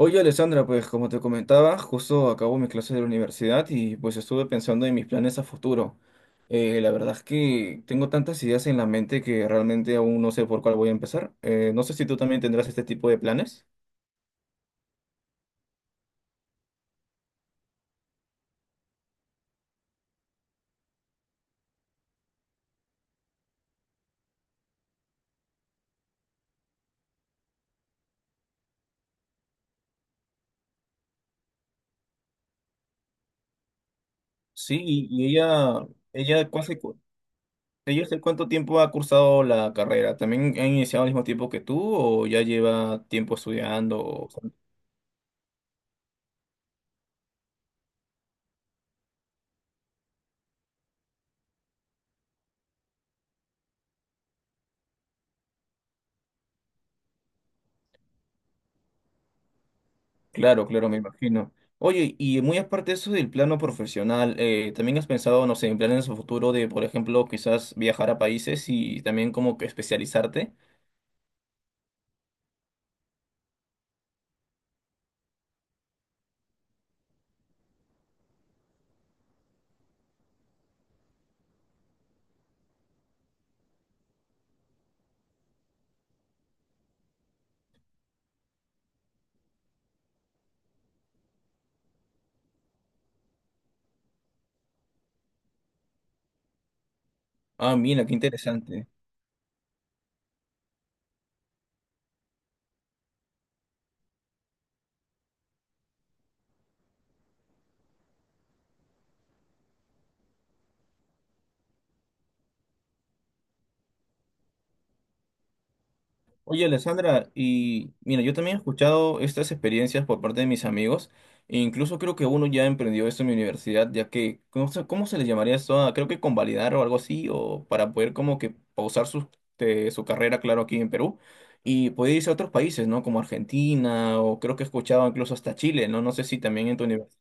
Oye, Alessandra, pues como te comentaba, justo acabo mi clase de la universidad y pues estuve pensando en mis planes a futuro. La verdad es que tengo tantas ideas en la mente que realmente aún no sé por cuál voy a empezar. No sé si tú también tendrás este tipo de planes. Sí, y ella, ¿cu- hace cu- ella hace cuánto tiempo ha cursado la carrera? ¿También ha iniciado al mismo tiempo que tú o ya lleva tiempo estudiando? Claro, claro, me imagino. Oye, y muy aparte de eso del plano profesional, ¿también has pensado, no sé, en planes a futuro de, por ejemplo, quizás viajar a países y también como que especializarte? Ah, mira, qué interesante. Oye, Alessandra, y mira, yo también he escuchado estas experiencias por parte de mis amigos, e incluso creo que uno ya emprendió esto en mi universidad, ya que, ¿cómo se le llamaría esto? Ah, creo que convalidar o algo así, o para poder como que pausar su carrera, claro, aquí en Perú, y poder irse a otros países, ¿no? Como Argentina, o creo que he escuchado incluso hasta Chile, ¿no? No sé si también en tu universidad.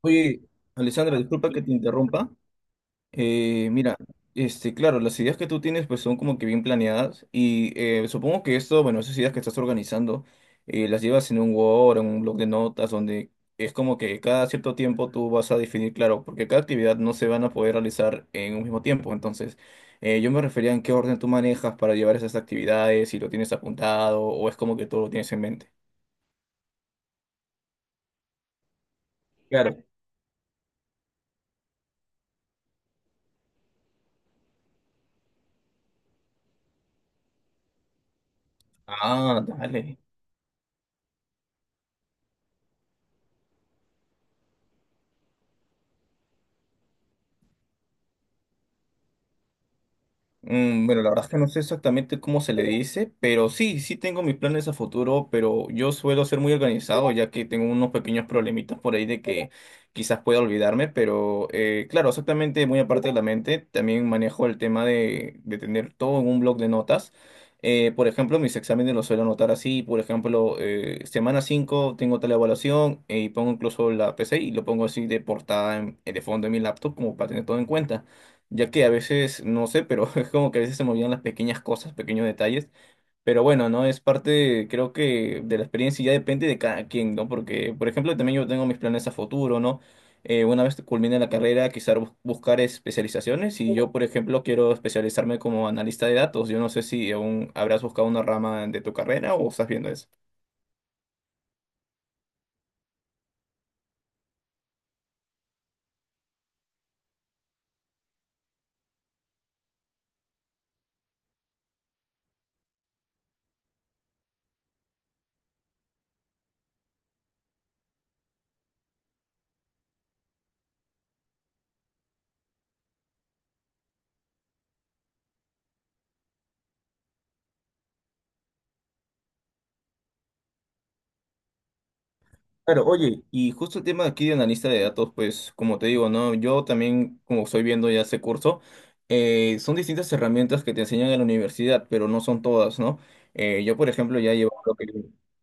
Oye, Alessandra, disculpa que te interrumpa. Mira, este, claro, las ideas que tú tienes pues son como que bien planeadas y supongo que esto, bueno, esas ideas que estás organizando las llevas en un Word, en un blog de notas donde es como que cada cierto tiempo tú vas a definir, claro, porque cada actividad no se van a poder realizar en un mismo tiempo, entonces yo me refería en qué orden tú manejas para llevar esas actividades, si lo tienes apuntado o es como que todo lo tienes en mente. Claro. Ah, dale. Bueno, la verdad es que no sé exactamente cómo se le dice, pero sí, sí tengo mis planes a futuro, pero yo suelo ser muy organizado, ya que tengo unos pequeños problemitas por ahí de que quizás pueda olvidarme, pero claro, exactamente, muy aparte de la mente, también manejo el tema de tener todo en un bloc de notas. Por ejemplo, mis exámenes los suelo anotar así, por ejemplo, semana 5 tengo tal evaluación y pongo incluso la PC y lo pongo así de portada de fondo en mi laptop como para tener todo en cuenta ya que a veces, no sé, pero es como que a veces se me olvidan las pequeñas cosas, pequeños detalles, pero bueno, ¿no? Es parte, creo que de la experiencia y ya depende de cada quien, ¿no? Porque, por ejemplo, también yo tengo mis planes a futuro, ¿no? Una vez que culmine la carrera, quizás buscar especializaciones y yo, por ejemplo, quiero especializarme como analista de datos. Yo no sé si aún habrás buscado una rama de tu carrera o estás viendo eso. Claro, oye, y justo el tema de aquí de analista de datos, pues como te digo, ¿no? Yo también, como estoy viendo ya ese curso, son distintas herramientas que te enseñan en la universidad, pero no son todas, ¿no? Yo, por ejemplo, ya llevo lo que,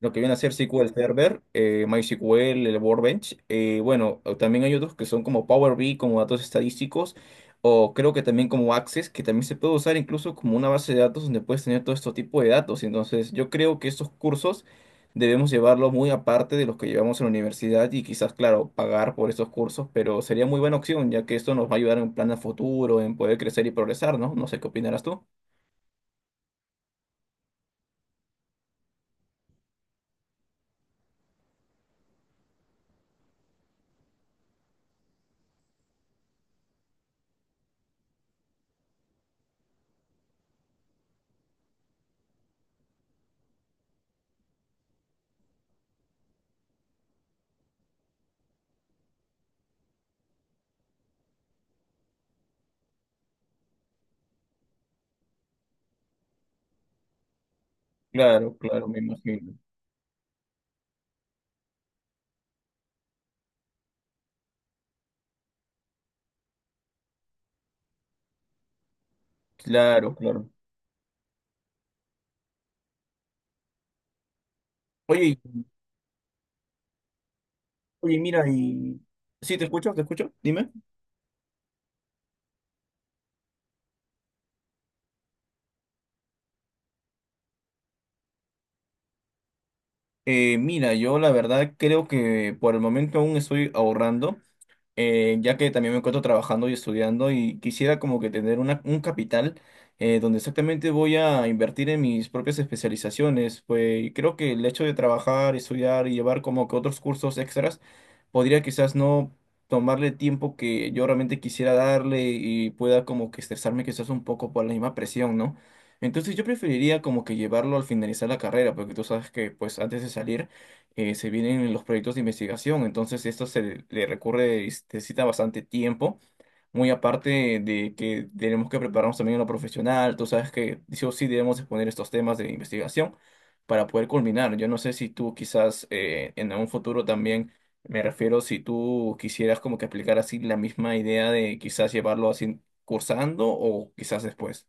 lo que viene a ser SQL Server, MySQL, el Workbench, bueno, o también hay otros que son como Power BI, como datos estadísticos, o creo que también como Access, que también se puede usar incluso como una base de datos donde puedes tener todo este tipo de datos. Entonces, yo creo que estos cursos debemos llevarlo muy aparte de los que llevamos en la universidad y quizás, claro, pagar por esos cursos, pero sería muy buena opción, ya que esto nos va a ayudar en plan a futuro, en poder crecer y progresar, ¿no? No sé qué opinarás tú. Claro, claro, me imagino. Claro, claro. Oye, oye, mira, Sí, te escucho, dime. Mira, yo la verdad creo que por el momento aún estoy ahorrando. Ya que también me encuentro trabajando y estudiando y quisiera como que tener una, un capital donde exactamente voy a invertir en mis propias especializaciones. Pues y creo que el hecho de trabajar, estudiar y llevar como que otros cursos extras podría quizás no tomarle tiempo que yo realmente quisiera darle y pueda como que estresarme quizás un poco por la misma presión, ¿no? Entonces yo preferiría como que llevarlo al finalizar la carrera, porque tú sabes que pues antes de salir se vienen los proyectos de investigación, entonces esto se le recurre, y se necesita bastante tiempo, muy aparte de que tenemos que prepararnos también en lo profesional, tú sabes que sí o sí debemos exponer estos temas de investigación para poder culminar. Yo no sé si tú quizás en un futuro también, me refiero si tú quisieras como que aplicar así la misma idea de quizás llevarlo así cursando o quizás después.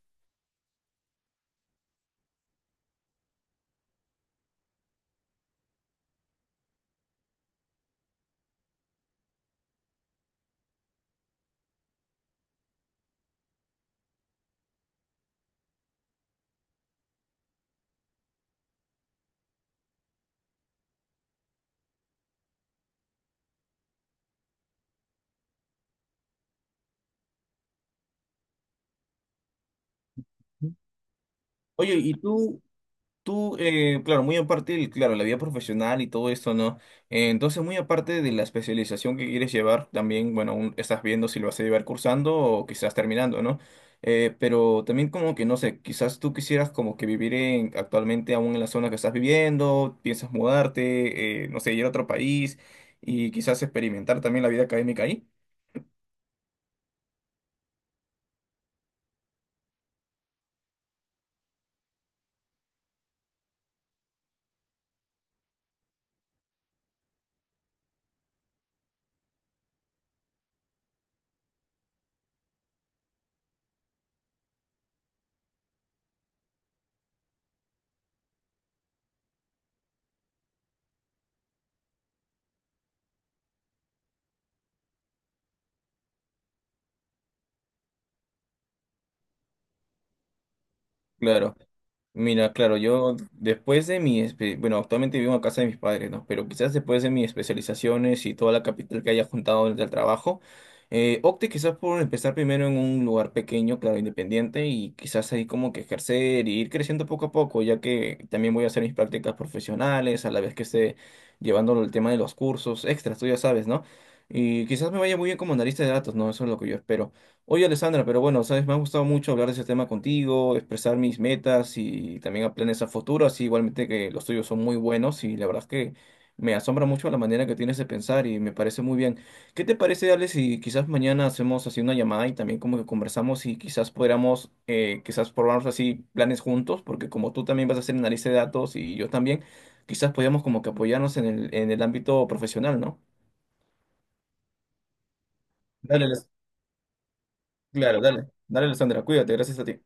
Oye, Tú, claro, muy aparte, claro, la vida profesional y todo esto, ¿no? Entonces, muy aparte de la especialización que quieres llevar, también, bueno, aún estás viendo si lo vas a llevar cursando o quizás terminando, ¿no? Pero también como que, no sé, quizás tú quisieras como que vivir en, actualmente aún en la zona que estás viviendo, piensas mudarte, no sé, ir a otro país y quizás experimentar también la vida académica ahí. Claro. Mira, claro, yo después de bueno, actualmente vivo en casa de mis padres, ¿no? Pero quizás después de mis especializaciones y toda la capital que haya juntado durante el trabajo, opte quizás por empezar primero en un lugar pequeño, claro, independiente, y quizás ahí como que ejercer y ir creciendo poco a poco, ya que también voy a hacer mis prácticas profesionales, a la vez que esté llevando el tema de los cursos extras, tú ya sabes, ¿no? Y quizás me vaya muy bien como analista de datos, ¿no? Eso es lo que yo espero. Oye, Alessandra, pero bueno, sabes, me ha gustado mucho hablar de ese tema contigo, expresar mis metas y también a planes a futuro, así igualmente que los tuyos son muy buenos y la verdad es que me asombra mucho la manera que tienes de pensar y me parece muy bien. ¿Qué te parece, Ale, si quizás mañana hacemos así una llamada y también como que conversamos y quizás podamos, quizás probarnos así planes juntos, porque como tú también vas a hacer análisis de datos y yo también, quizás podamos como que apoyarnos en el ámbito profesional, ¿no? Dale, claro, dale. Dale, Alessandra, cuídate, gracias a ti.